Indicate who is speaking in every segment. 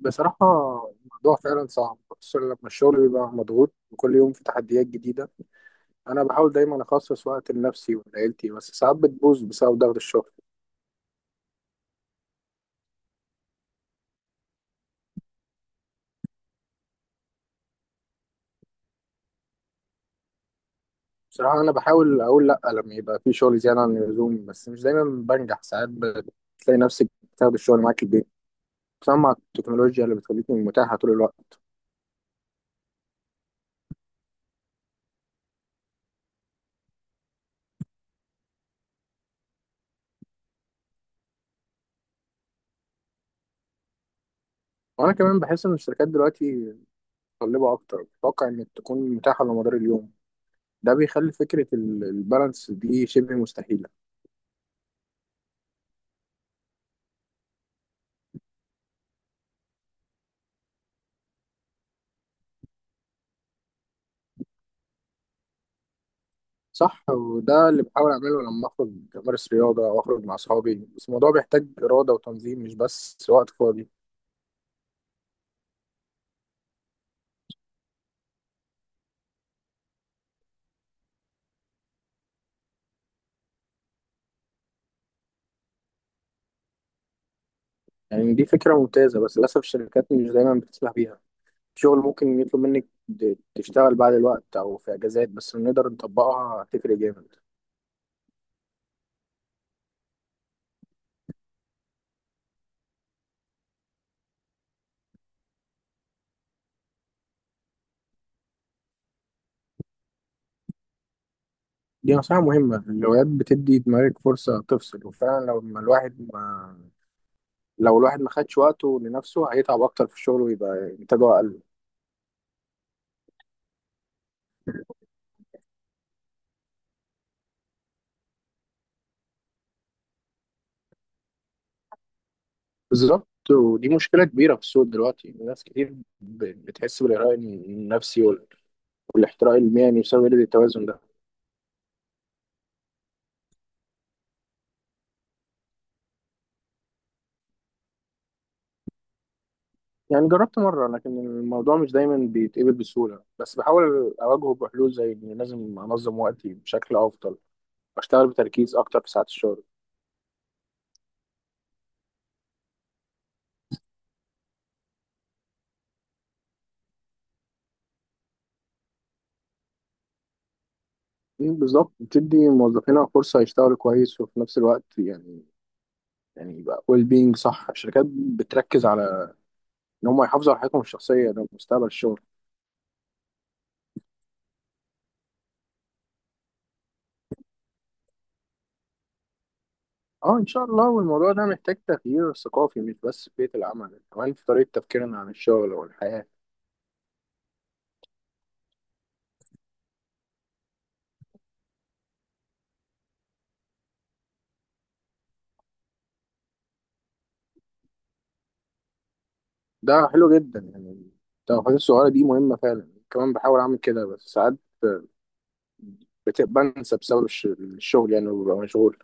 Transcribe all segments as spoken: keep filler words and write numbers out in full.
Speaker 1: بصراحة، الموضوع فعلا صعب، خصوصا لما الشغل بيبقى مضغوط وكل يوم في تحديات جديدة. أنا بحاول دايما أخصص وقت لنفسي ولعيلتي، بس ساعات بتبوظ بسبب ضغط الشغل. بصراحة أنا بحاول أقول لأ لما يبقى في شغل زيادة عن اللزوم، بس مش دايما بنجح. ساعات بتلاقي نفسك بتاخد الشغل معاك البيت، خصوصا مع التكنولوجيا اللي بتخليكي متاحة طول الوقت. وأنا كمان بحس إن الشركات دلوقتي متطلبة أكتر، بتتوقع إنك تكون متاحة على مدار اليوم. ده بيخلي فكرة ال- البالانس دي شبه مستحيلة. صح، وده اللي بحاول أعمله لما أخرج أمارس رياضة أو أخرج مع أصحابي، بس الموضوع بيحتاج إرادة وتنظيم، مش بس وقت فاضي. يعني دي فكرة ممتازة، بس للأسف الشركات مش دايما بتسمح بيها. الشغل ممكن يطلب منك د- تشتغل بعد الوقت أو في أجازات، بس لو نقدر نطبقها هتفرق جامد. دي نصيحة مهمة. الهوايات بتدي دماغك فرصة تفصل، وفعلا لو ما الواحد ما لو الواحد ما خدش وقته لنفسه هيتعب أكتر في الشغل ويبقى إنتاجه أقل. بالظبط. ودي مشكلة كبيرة في السوق دلوقتي، ناس كتير ب- بتحس بالإرهاق النفسي وال- والاحتراق المهني بسبب قلة التوازن ده. يعني جربت مرة، لكن الموضوع مش دايما بيتقبل بسهولة، بس بحاول أواجهه بحلول، زي إني لازم أنظم وقتي بشكل أفضل وأشتغل بتركيز أكتر في ساعات الشغل. مم، بالظبط. بتدي موظفينا فرصة يشتغلوا كويس وفي نفس الوقت يعني يعني يبقى ويل بينج. صح، الشركات بتركز على إن هم يحافظوا على حياتهم الشخصية. ده مستقبل الشغل. اه، ان شاء الله. والموضوع ده محتاج تغيير ثقافي، مش بس في بيئة العمل، كمان في طريقة تفكيرنا عن الشغل والحياة. ده حلو جدا. يعني التوقيت الصغيرة دي مهمة فعلا. كمان بحاول اعمل كده، بس ساعات بت- بنسى بسبب الش- الشغل يعني، وببقى مشغول.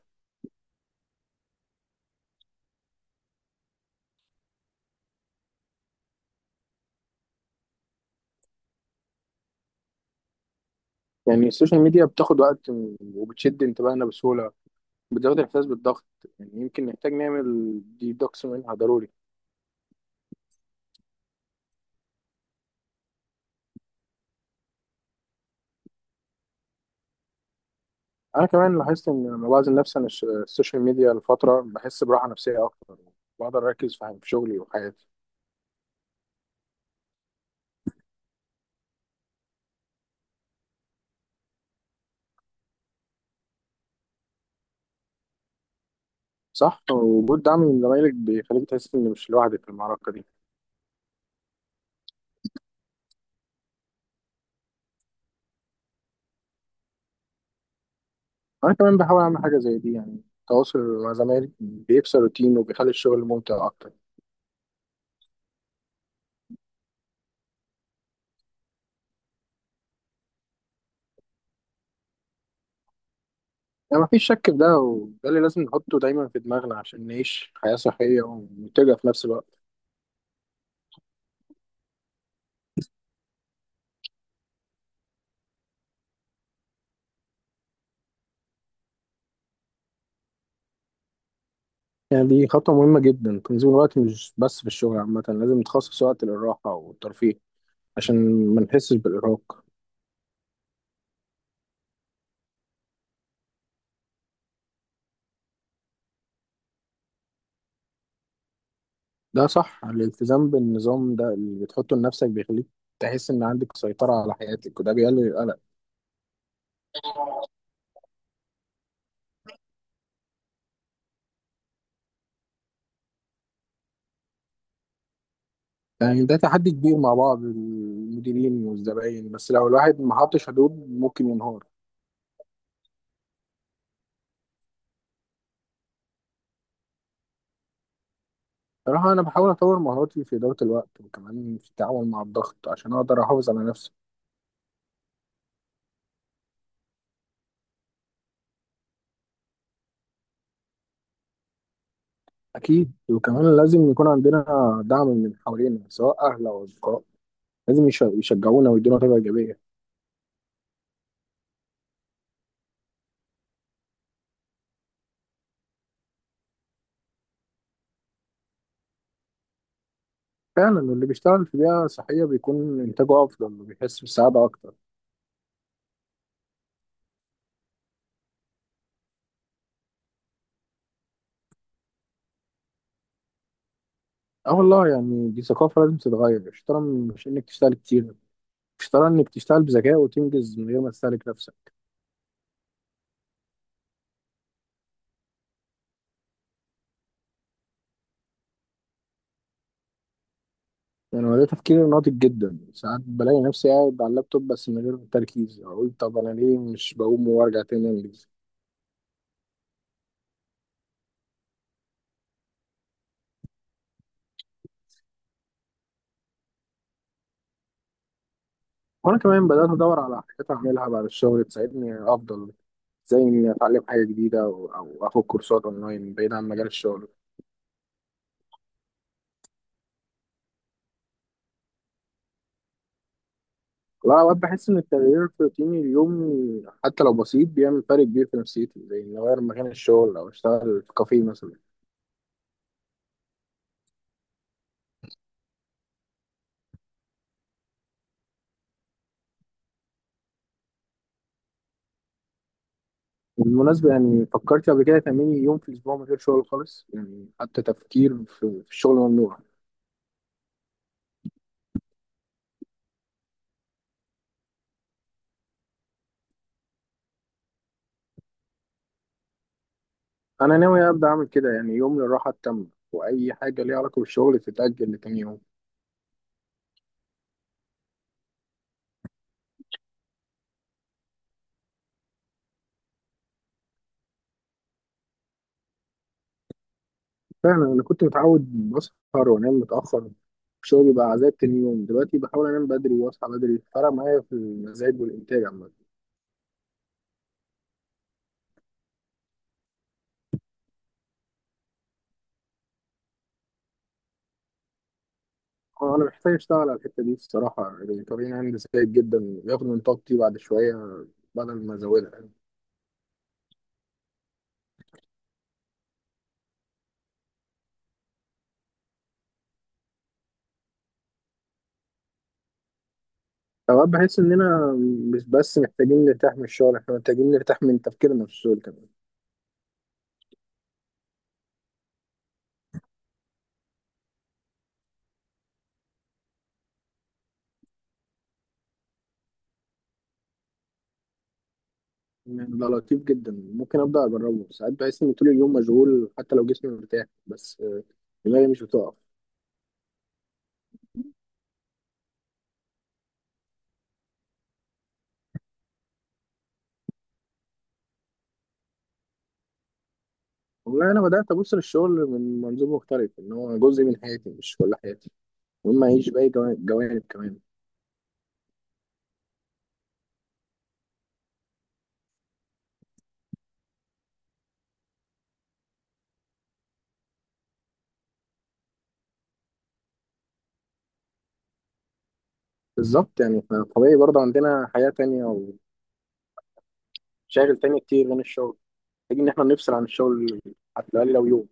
Speaker 1: يعني السوشيال ميديا بتاخد وقت وبتشد انتباهنا بسهولة، بتزود الاحساس بالضغط. يعني يمكن نحتاج نعمل ديدوكس منها ضروري. انا كمان لاحظت ان لما بعزل نفسي عن الش- السوشيال ميديا لفترة بحس براحة نفسية اكتر. بقدر اركز في في شغلي وحياتي. صح، وجود دعم من زمايلك بيخليك تحس إن مش لوحدك في المعركة دي. أنا كمان بحاول أعمل حاجة زي دي. يعني التواصل مع زمايلي بيكسر الروتين وبيخلي الشغل ممتع أكتر. يعني مفيش شك في ده، وده اللي لازم نحطه دايما في دماغنا عشان نعيش حياة صحية ومنتجة في نفس الوقت. يعني دي خطوة مهمة جدا، تنظيم الوقت مش بس في الشغل، عامة لازم نخصص وقت للراحة والترفيه عشان ما نحسش بالإرهاق. ده صح. الالتزام بالنظام ده اللي بتحطه لنفسك بيخليك تحس إن عندك سيطرة على حياتك، وده بيقلل القلق. يعني ده تحدي كبير مع بعض المديرين والزباين، بس لو الواحد ما حطش حدود ممكن ينهار. صراحة، أنا بحاول أطور مهاراتي في إدارة الوقت وكمان في التعامل مع الضغط عشان أقدر أحافظ على نفسي. أكيد. وكمان لازم يكون عندنا دعم من حوالينا، سواء أهل أو أصدقاء، لازم يش- يشجعونا ويدونا طاقة إيجابية. فعلا، واللي بيشتغل في بيئة صحية بيكون إنتاجه أفضل وبيحس بالسعادة أكتر. أه والله، يعني دي ثقافة لازم تتغير. الشطارة مش إنك تشتغل كتير، الشطارة إنك تشتغل بذكاء وتنجز من غير ما تستهلك نفسك. يعني هو ده تفكير ناضج جدا. ساعات بلاقي نفسي قاعد على اللابتوب بس من غير تركيز، اقول طب انا ليه مش بقوم وارجع تاني انجز. وانا كمان بدات ادور على حاجات اعملها بعد الشغل تساعدني افضل، زي اني اتعلم حاجه جديده او أو اخد كورسات اونلاين بعيد عن مجال الشغل. لا، اوقات بحس ان التغيير في روتيني اليومي حتى لو بسيط بيعمل فرق كبير في نفسيتي، زي اني اغير مكان الشغل او اشتغل في كافيه مثلا. بالمناسبة، يعني فكرت قبل كده تعملي يوم في الأسبوع من غير شغل خالص؟ يعني حتى تفكير في في الشغل ممنوع. انا ناوي ابدا اعمل كده، يعني يوم للراحه التامه، واي حاجه ليها علاقه بالشغل تتاجل لتاني يوم. فعلا، انا كنت متعود بسهر وانام متاخر، الشغل بقى عذاب تاني يوم. دلوقتي بحاول انام بدري واصحى بدري، فرق معايا في المزاج والانتاج عامه. آه، انا محتاج اشتغل على الحته دي الصراحه، يعني طبيعي عندي سيء جدا، بياخد من طاقتي بعد شويه بدل ما ازودها يعني. اوقات بحس اننا مش بس محتاجين نرتاح من الشغل، احنا محتاجين نرتاح من تفكيرنا في الشغل كمان. ده لطيف جدا، ممكن ابدا اجربه. ساعات بحس ان طول اليوم مشغول حتى لو جسمي مرتاح، بس آه، دماغي مش بتقف. والله انا بدات ابص للشغل من منظور مختلف، ان هو جزء من حياتي مش كل حياتي، وإما اعيش باقي جوا- جوانب كمان. بالظبط، يعني إحنا طبيعي برضه عندنا حياه تانية او شاغل تاني كتير غير الشغل، محتاج ان احنا نفصل عن الشغل، حتى الاقل لو يوم.